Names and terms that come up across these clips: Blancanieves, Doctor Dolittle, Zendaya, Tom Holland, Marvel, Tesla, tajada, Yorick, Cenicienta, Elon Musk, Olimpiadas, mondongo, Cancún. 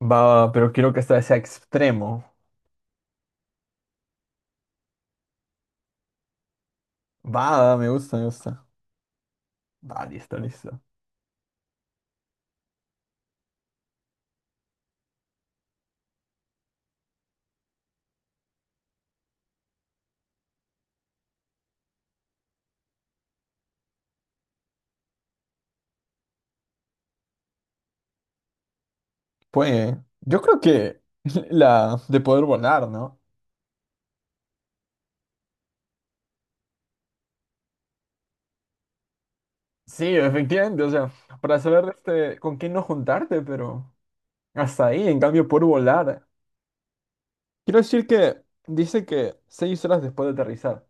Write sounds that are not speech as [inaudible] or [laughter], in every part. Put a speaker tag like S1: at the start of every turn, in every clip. S1: Va, pero quiero que esta sea extremo. Va, me gusta, me gusta. Va, listo, listo. Pues, yo creo que [laughs] la de poder volar, ¿no? Sí, efectivamente, o sea, para saber este, con quién no juntarte, pero hasta ahí, en cambio, poder volar. Quiero decir que dice que 6 horas después de aterrizar.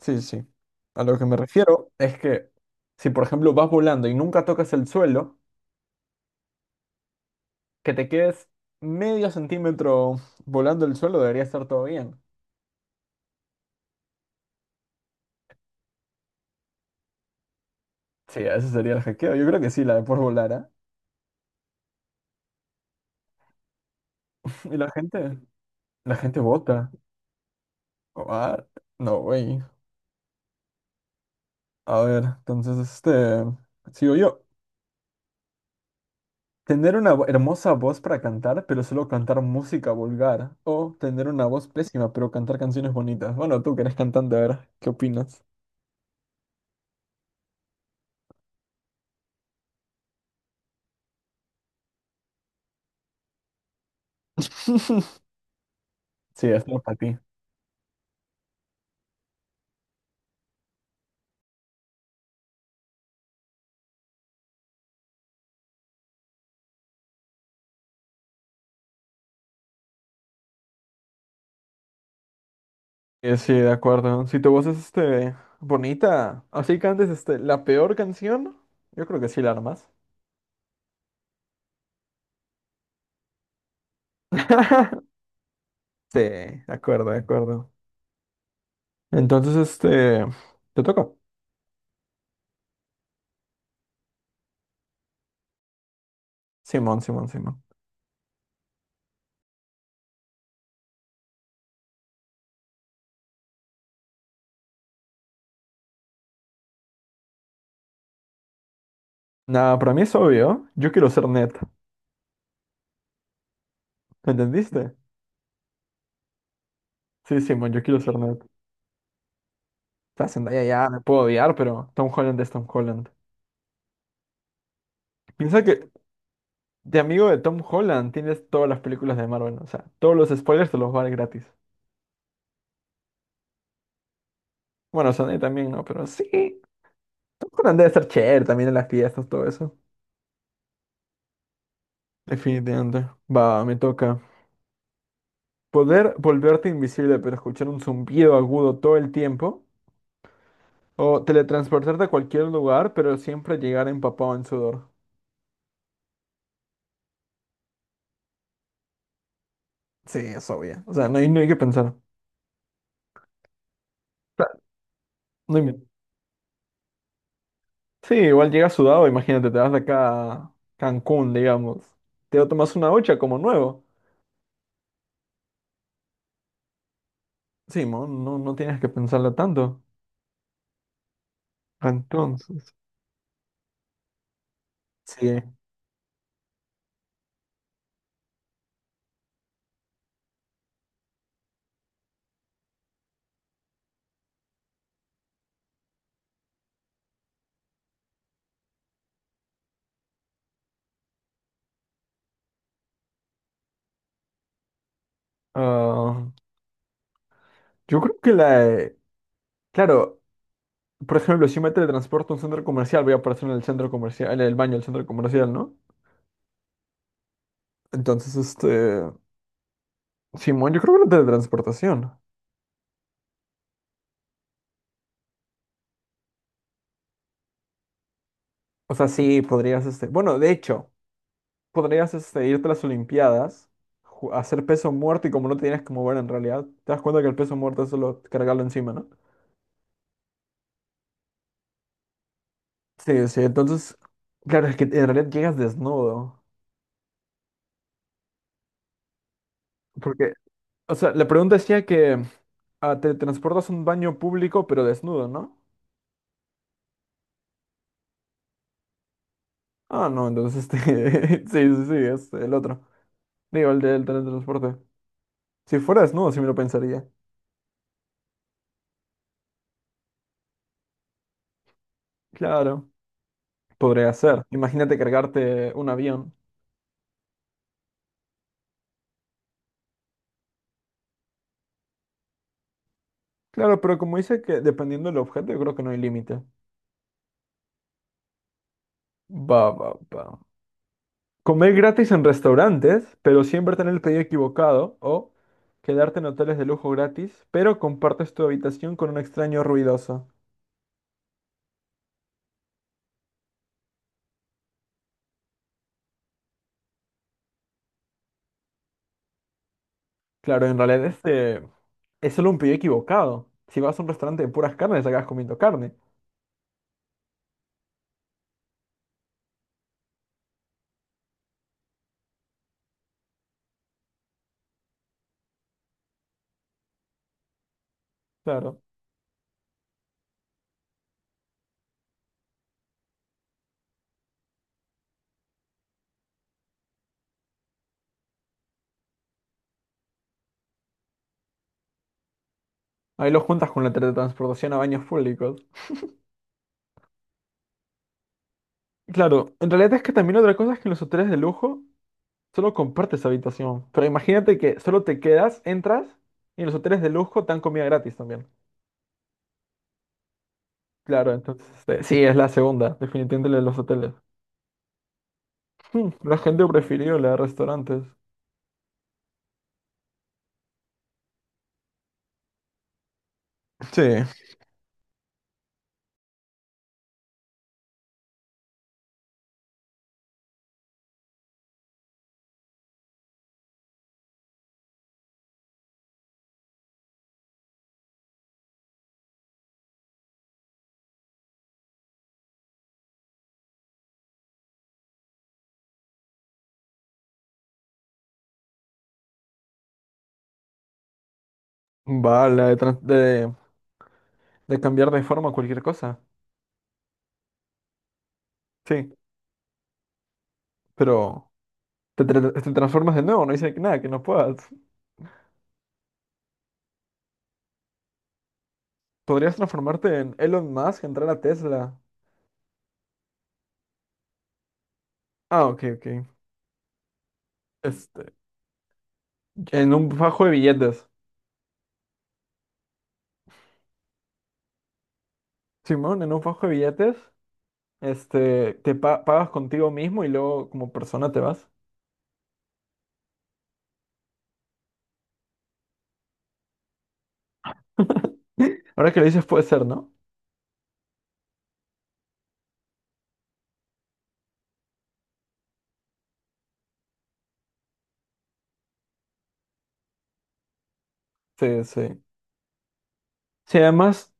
S1: Sí, sí. A lo que me refiero es que si, por ejemplo, vas volando y nunca tocas el suelo, que te quedes medio centímetro volando el suelo, debería estar todo bien. Sí, ese sería el hackeo. Yo creo que sí, la de por volar, ¿ah? [laughs] Y la gente vota. Ah, no, güey. A ver, entonces, este, sigo yo. Tener una hermosa voz para cantar, pero solo cantar música vulgar. O tener una voz pésima, pero cantar canciones bonitas. Bueno, tú que eres cantante, a ver, ¿qué opinas? [laughs] Sí, es para ti. Sí, de acuerdo. Si tu voz es, este, bonita, así cantes, este, la peor canción, yo creo que sí la armas. [laughs] Sí, de acuerdo, de acuerdo. Entonces, este, te toca. Simón, Simón, Simón. Nada, para mí es obvio. Yo quiero ser Ned. ¿Entendiste? Sí, Simón, yo quiero ser Ned. La Zendaya ya me puedo odiar, pero Tom Holland es Tom Holland. Piensa que de amigo de Tom Holland tienes todas las películas de Marvel. O sea, todos los spoilers te los va gratis. Bueno, Zendaya también, ¿no? Pero sí. Tom Holland debe ser chévere también en las fiestas, todo eso. Definitivamente. Va, me toca. Poder volverte invisible, pero escuchar un zumbido agudo todo el tiempo. O teletransportarte a cualquier lugar, pero siempre llegar empapado en sudor. Sí, es obvio. O sea, no hay que pensar. O sea, no hay- miedo. Sí, igual llegas sudado, imagínate, te vas de acá a Cancún, digamos. Te tomas una ducha como nuevo. Sí, mo, no, no tienes que pensarlo tanto. Entonces, sí. Ah, yo creo que claro, por ejemplo, si me teletransporto a un centro comercial, voy a aparecer en el centro comercial, en el baño del centro comercial, ¿no? Entonces, este... Simón, yo creo que la teletransportación. O sea, sí, podrías, este, bueno, de hecho, podrías, este, irte a las Olimpiadas, hacer peso muerto y como no te tienes que mover en realidad, te das cuenta que el peso muerto es solo cargarlo encima, ¿no? Sí, sí, entonces, claro, es que en realidad llegas desnudo, porque, o sea, la pregunta decía que ah, te transportas a un baño público pero desnudo, ¿no? Ah, no, entonces, este, [laughs] sí, sí, sí, es el otro, digo, el del teletransporte. Si fuera desnudo, sí me lo pensaría. Claro, podría ser. Imagínate cargarte un avión. Claro, pero como dice que dependiendo del objeto, yo creo que no hay límite. Va, va, va. Comer gratis en restaurantes, pero siempre tener el pedido equivocado. O quedarte en hoteles de lujo gratis, pero compartes tu habitación con un extraño ruidoso. Claro, en realidad este es solo un pedido equivocado. Si vas a un restaurante de puras carnes, acabas comiendo carne. Claro. Ahí lo juntas con la teletransportación a baños públicos. Claro, en realidad es que también otra cosa es que en los hoteles de lujo solo compartes habitación. Pero imagínate que solo te quedas, entras y los hoteles de lujo te dan comida gratis también. Claro, entonces este, sí, es la segunda, definitivamente la de los hoteles. Hmm, la gente prefirió la de restaurantes. Sí, va, la de, trans- de cambiar de forma cualquier cosa. Sí, pero te transformas de nuevo, no dice que nada, que no puedas. Podrías transformarte en Elon Musk, entrar a Tesla. Ah, ok, ok. Este, en un fajo de billetes. Simón, en un fajo de billetes. Este, pagas contigo mismo y luego como persona te vas. [laughs] Ahora que lo dices puede ser, ¿no? Sí, sí. Sí, además,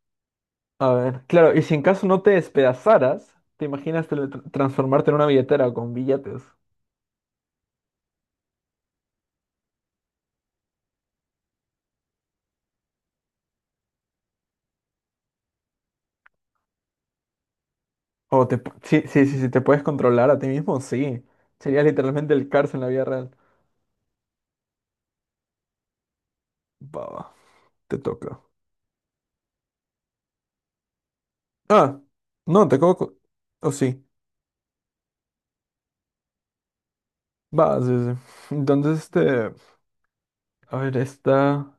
S1: a ver, claro, y si en caso no te despedazaras, ¿te imaginas transformarte en una billetera con billetes? O sí, sí, sí, sí, te puedes controlar a ti mismo, sí. Sería literalmente el cárcel en la vida real. Va, va, te toca. Ah, no, te coco. O sí. Va, sí, sí. Entonces, este, a ver, esta.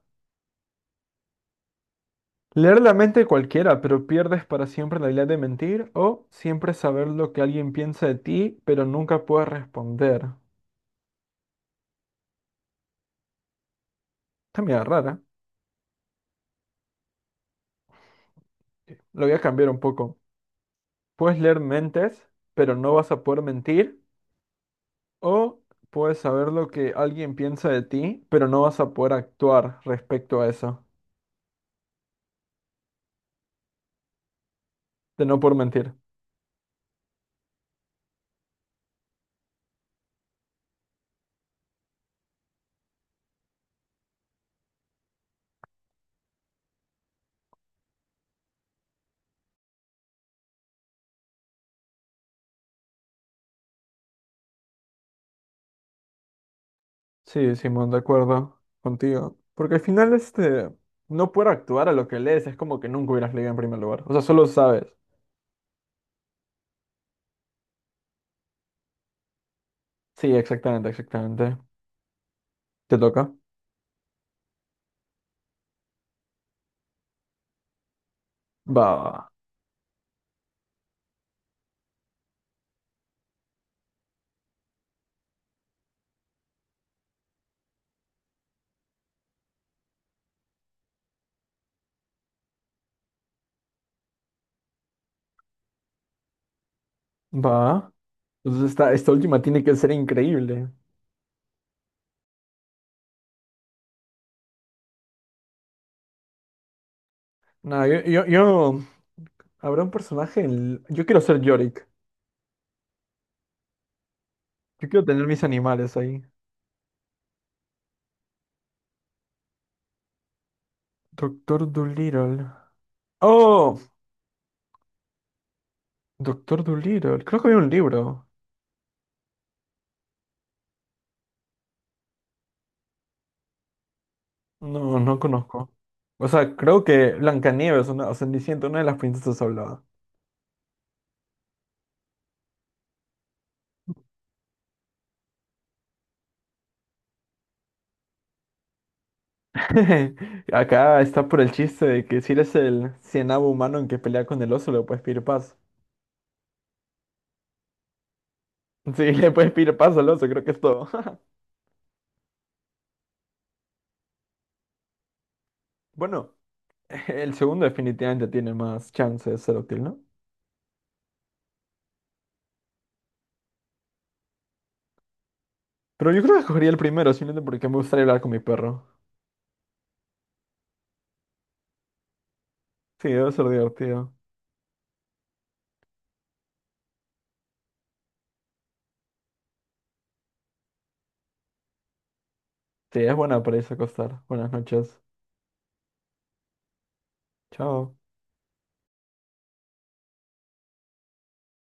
S1: Leer la mente de cualquiera, pero pierdes para siempre la habilidad de mentir, o siempre saber lo que alguien piensa de ti, pero nunca puedes responder. Está medio rara. Lo voy a cambiar un poco. Puedes leer mentes, pero no vas a poder mentir, o puedes saber lo que alguien piensa de ti, pero no vas a poder actuar respecto a eso, de no por mentir. Sí, Simón, de acuerdo contigo. Porque al final, este, no poder actuar a lo que lees es como que nunca hubieras leído en primer lugar. O sea, solo sabes. Sí, exactamente, exactamente. Te toca. Va, va. Entonces esta última tiene que ser increíble. No, habrá yo quiero ser Yorick. Yo quiero tener mis animales ahí. Doctor Dolittle. ¡Oh! Doctor Dolittle. Creo que había un libro. No, no conozco. O sea, creo que Blancanieves, una, o Cenicienta, una de las princesas hablaba. [laughs] Acá está por el chiste de que si eres el cienavo humano en que pelea con el oso, le puedes pedir paz. Sí, [laughs] le puedes pedir paso al oso, creo que es todo. [laughs] Bueno, el segundo definitivamente tiene más chance de ser útil, ¿no? Pero yo creo que escogería el primero, simplemente porque me gustaría hablar con mi perro. Sí, debe ser divertido. Sí, es buena para irse a acostar. Buenas noches. Chao.